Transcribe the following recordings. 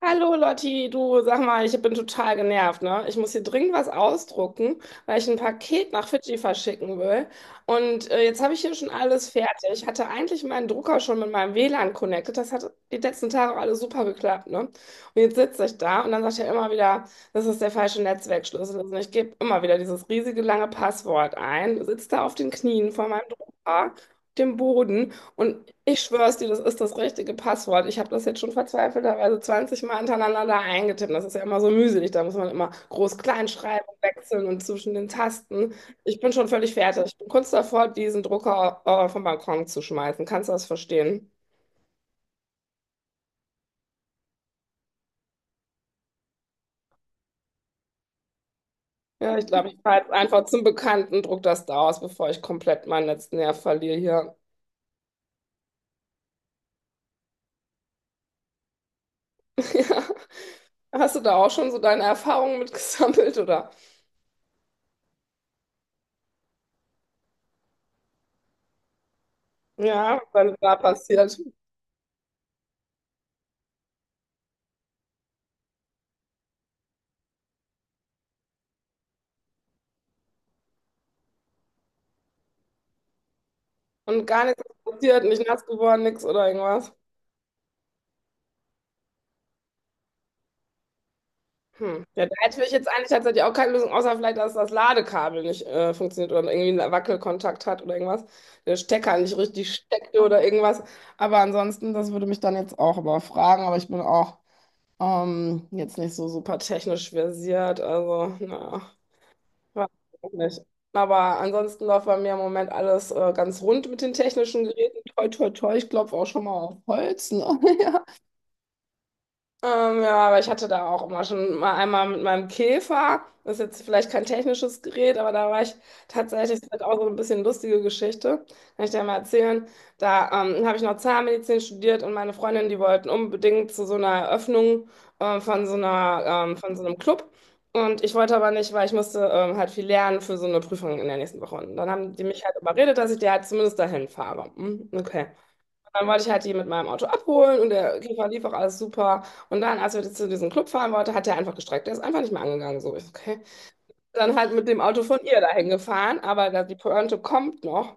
Hallo Lotti, du sag mal, ich bin total genervt, ne? Ich muss hier dringend was ausdrucken, weil ich ein Paket nach Fidschi verschicken will. Und jetzt habe ich hier schon alles fertig. Ich hatte eigentlich meinen Drucker schon mit meinem WLAN connected. Das hat die letzten Tage alles super geklappt, ne? Und jetzt sitze ich da und dann sagt er immer wieder, das ist der falsche Netzwerkschlüssel. Und ich gebe immer wieder dieses riesige lange Passwort ein, sitze da auf den Knien vor meinem Drucker, dem Boden. Und ich schwör's dir, das ist das richtige Passwort. Ich habe das jetzt schon verzweifelterweise 20 Mal hintereinander da eingetippt. Das ist ja immer so mühselig. Da muss man immer Groß-Kleinschreibung klein wechseln und zwischen den Tasten. Ich bin schon völlig fertig. Ich bin kurz davor, diesen Drucker vom Balkon zu schmeißen. Kannst du das verstehen? Ja, ich glaube, ich fahre jetzt einfach zum Bekannten, druck das da aus, bevor ich komplett meinen letzten Nerv verliere hier. Ja. Hast du da auch schon so deine Erfahrungen mitgesammelt oder? Ja, was da passiert? Und gar nichts ist passiert, nicht nass geworden, nichts oder irgendwas. Hm. Ja, da hätte ich jetzt eigentlich tatsächlich auch keine Lösung, außer vielleicht, dass das Ladekabel nicht funktioniert oder irgendwie einen Wackelkontakt hat oder irgendwas. Der Stecker nicht richtig steckte oder irgendwas. Aber ansonsten, das würde mich dann jetzt auch überfragen. Aber ich bin auch jetzt nicht so super technisch versiert. Also, naja, weiß ich auch nicht. Aber ansonsten läuft bei mir im Moment alles ganz rund mit den technischen Geräten. Toi, toi, toi. Ich klopfe auch schon mal auf Holz. Ne? Ja, aber ich hatte da auch immer schon mal einmal mit meinem Käfer. Das ist jetzt vielleicht kein technisches Gerät, aber da war ich tatsächlich, das ist auch so ein bisschen lustige Geschichte, kann ich dir ja mal erzählen. Da habe ich noch Zahnmedizin studiert und meine Freundin, die wollten unbedingt zu so einer Eröffnung von so einer, von so einem Club. Und ich wollte aber nicht, weil ich musste halt viel lernen für so eine Prüfung in der nächsten Woche. Und dann haben die mich halt überredet, dass ich die halt zumindest dahin fahre. Hm, okay. Dann wollte ich halt die mit meinem Auto abholen und der Käfer lief auch alles super. Und dann, als wir zu diesem Club fahren wollten, hat der einfach gestreckt. Der ist einfach nicht mehr angegangen. So, ich, so, okay. Dann halt mit dem Auto von ihr dahin gefahren, aber da, die Pointe kommt noch.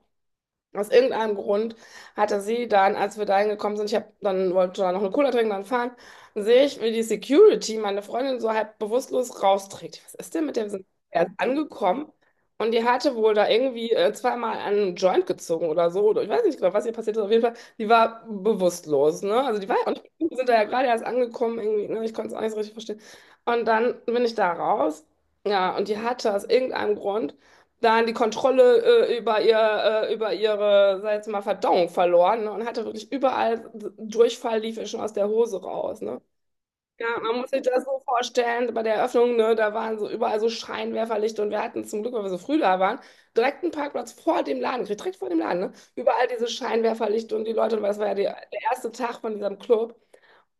Aus irgendeinem Grund hatte sie dann, als wir da hingekommen sind, ich hab, dann wollte da noch eine Cola trinken, dann fahren, sehe ich, wie die Security meine Freundin so halb bewusstlos rausträgt. Was ist denn mit dem? Wir sind erst angekommen und die hatte wohl da irgendwie zweimal an einem Joint gezogen oder so. Oder ich weiß nicht genau, was ihr passiert ist. Auf jeden Fall, die war bewusstlos, ne? Also die war, und wir sind da ja gerade erst angekommen, irgendwie, ne? Ich konnte es auch nicht so richtig verstehen. Und dann bin ich da raus, ja, und die hatte aus irgendeinem Grund dann die Kontrolle über ihre, sag ich jetzt mal, Verdauung verloren, ne, und hatte wirklich überall Durchfall, lief ihr schon aus der Hose raus, ne? Ja, man muss sich das so vorstellen, bei der Eröffnung, ne, da waren so überall so Scheinwerferlichter und wir hatten zum Glück, weil wir so früh da waren, direkt einen Parkplatz vor dem Laden gekriegt, direkt vor dem Laden, ne? Überall diese Scheinwerferlichter und die Leute, weil es war ja die, der erste Tag von diesem Club.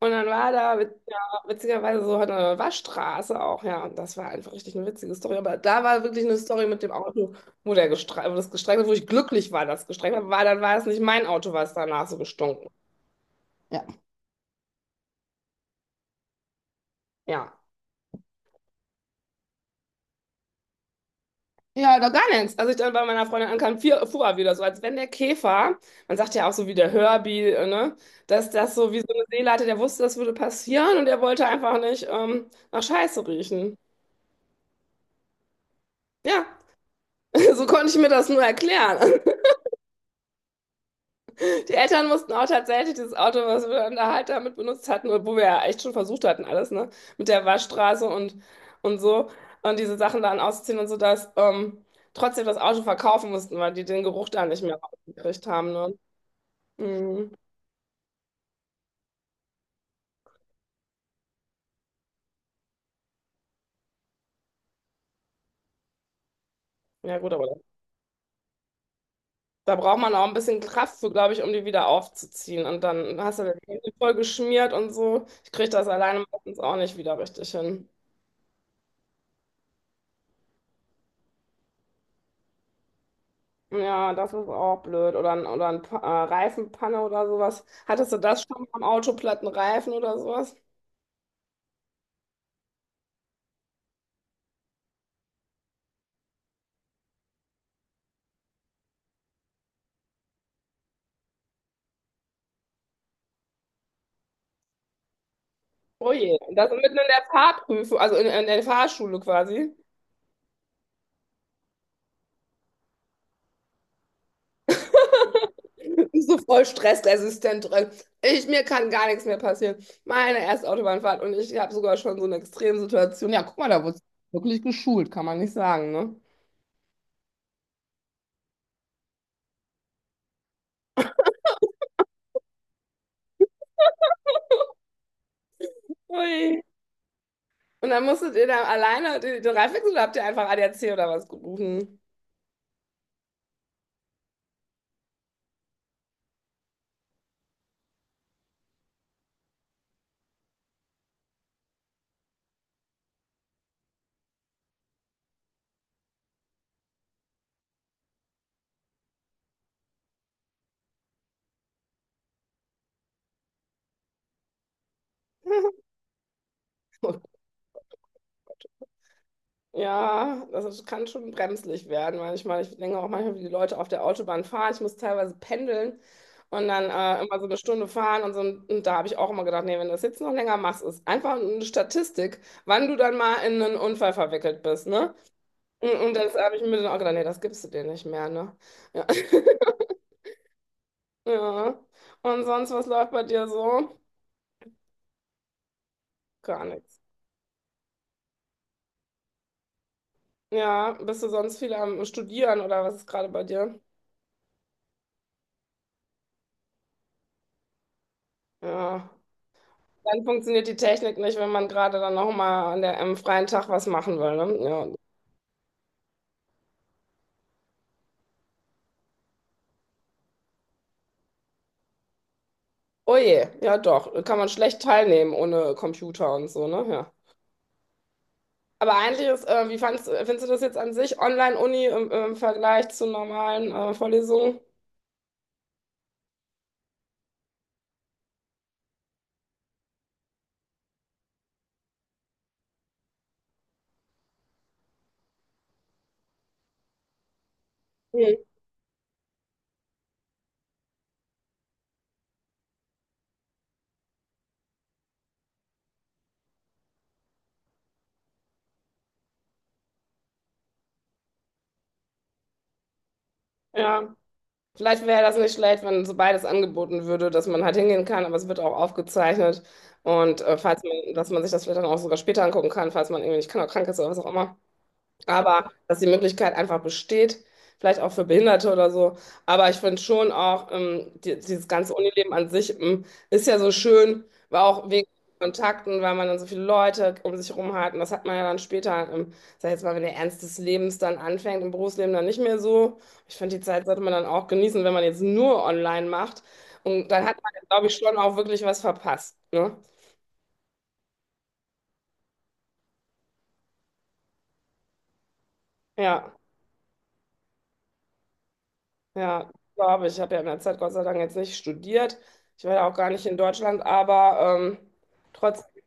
Und dann war da ja, witzigerweise so eine Waschstraße auch, ja. Und das war einfach richtig eine witzige Story. Aber da war wirklich eine Story mit dem Auto, wo das gestreckt hat, wo ich glücklich war, dass es gestreckt hat, weil dann war es nicht mein Auto, was danach so gestunken. Ja. Ja. Ja, da gar nichts. Als ich dann bei meiner Freundin ankam, fuhr er wieder so, als wenn der Käfer, man sagt ja auch so wie der Herbie, ne, dass das so wie so eine Seele hatte, der wusste, das würde passieren und er wollte einfach nicht nach Scheiße riechen. Ja, so konnte ich mir das nur erklären. Die Eltern mussten auch tatsächlich dieses Auto, was wir dann da halt damit benutzt hatten, wo wir ja echt schon versucht hatten, alles, ne? Mit der Waschstraße und so. Und diese Sachen dann auszuziehen und so, dass trotzdem das Auto verkaufen mussten, weil die den Geruch da nicht mehr rausgekriegt haben, ne? Mhm. Ja, gut, aber da braucht man auch ein bisschen Kraft für, glaube ich, um die wieder aufzuziehen. Und dann hast du die Hände voll geschmiert und so. Ich kriege das alleine meistens auch nicht wieder richtig hin. Ja, das ist auch blöd. Oder, ein Reifenpanne oder sowas. Hattest du das schon mal am Auto, platten Reifen oder sowas? Oh je, das mitten in der Fahrprüfung, also in der Fahrschule quasi. So voll stressresistent drin. Mir kann gar nichts mehr passieren. Meine erste Autobahnfahrt und ich habe sogar schon so eine Extremsituation. Ja, guck mal, da wurde wirklich geschult, kann man nicht sagen, ne? Ui. Und dann musstet ihr da alleine den Reifenwechsel oder habt ihr einfach ADAC oder was gerufen? Oh. Ja, das kann schon bremslich werden manchmal. Ich denke auch manchmal, wie die Leute auf der Autobahn fahren. Ich muss teilweise pendeln und dann immer so eine Stunde fahren und so. Und da habe ich auch immer gedacht, nee, wenn du das jetzt noch länger machst, ist einfach eine Statistik, wann du dann mal in einen Unfall verwickelt bist, ne? Und das habe ich mir dann auch gedacht, nee, das gibst du dir nicht mehr, ne? Ja. Ja. Und sonst, was läuft bei dir so? Gar nichts. Ja, bist du sonst viel am Studieren oder was ist gerade bei dir? Ja. Dann funktioniert die Technik nicht, wenn man gerade dann nochmal an der, am freien Tag was machen will, ne? Ja. Oh je, ja doch, kann man schlecht teilnehmen ohne Computer und so, ne? Ja. Aber eigentlich ist, findest du das jetzt an sich, Online-Uni im Vergleich zu normalen Vorlesungen? Hm. Ja. Vielleicht wäre das nicht schlecht, wenn so beides angeboten würde, dass man halt hingehen kann, aber es wird auch aufgezeichnet. Und falls man, dass man sich das vielleicht dann auch sogar später angucken kann, falls man irgendwie nicht kann, krank ist oder was auch immer. Aber dass die Möglichkeit einfach besteht, vielleicht auch für Behinderte oder so. Aber ich finde schon auch, dieses ganze Unileben an sich, ist ja so schön, war auch wegen Kontakten, weil man dann so viele Leute um sich herum hat. Und das hat man ja dann später, sag ich jetzt mal, wenn der Ernst des Lebens dann anfängt, im Berufsleben dann nicht mehr so. Ich finde, die Zeit sollte man dann auch genießen, wenn man jetzt nur online macht. Und dann hat man, glaube ich, schon auch wirklich was verpasst. Ne? Ja. Ja, glaube ich. Ich habe ja in der Zeit Gott sei Dank jetzt nicht studiert. Ich war ja auch gar nicht in Deutschland, aber trotzdem,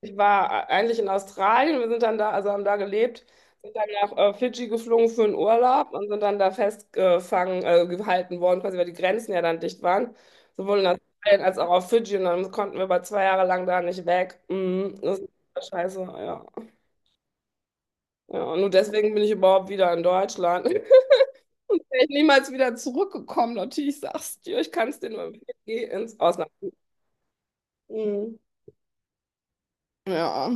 ich war eigentlich in Australien. Wir sind dann da, also haben da gelebt, sind dann nach Fidschi geflogen für einen Urlaub und sind dann da festgefangen, gehalten worden, quasi weil die Grenzen ja dann dicht waren, sowohl in Australien als auch auf Fidschi. Und dann konnten wir aber 2 Jahre lang da nicht weg. Mhm, das ist ja scheiße, ja. Ja, und nur deswegen bin ich überhaupt wieder in Deutschland. Und wäre ich niemals wieder zurückgekommen. Natürlich sagst du, ich kann es dir nur empfehlen, geh ins Ausland. Mhm. Ja,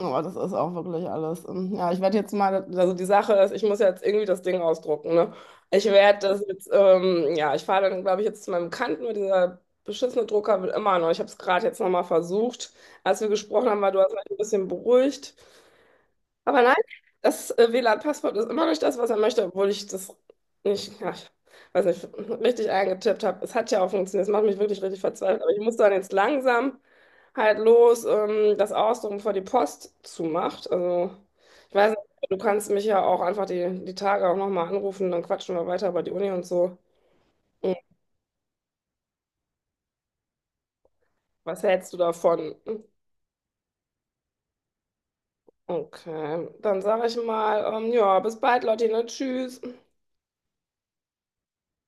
aber das ist auch wirklich alles. Ja, ich werde jetzt mal, also die Sache ist, ich muss jetzt irgendwie das Ding ausdrucken, ne? Ich werde das jetzt, ja, ich fahre dann, glaube ich, jetzt zu meinem Bekannten, weil dieser beschissene Drucker will immer noch. Ich habe es gerade jetzt nochmal versucht, als wir gesprochen haben, weil du hast mich ein bisschen beruhigt. Aber nein, das WLAN-Passwort ist immer nicht das, was er möchte, obwohl ich das nicht, ja, ich weiß nicht, richtig eingetippt habe. Es hat ja auch funktioniert. Es macht mich wirklich richtig verzweifelt. Aber ich muss dann jetzt langsam halt los, das ausdrucken, bevor die Post zumacht. Also, ich weiß nicht, du kannst mich ja auch einfach die Tage auch nochmal anrufen, dann quatschen wir weiter über die Uni und so. Hm, was hältst du davon? Okay, dann sage ich mal, ja, bis bald, Lottine, tschüss.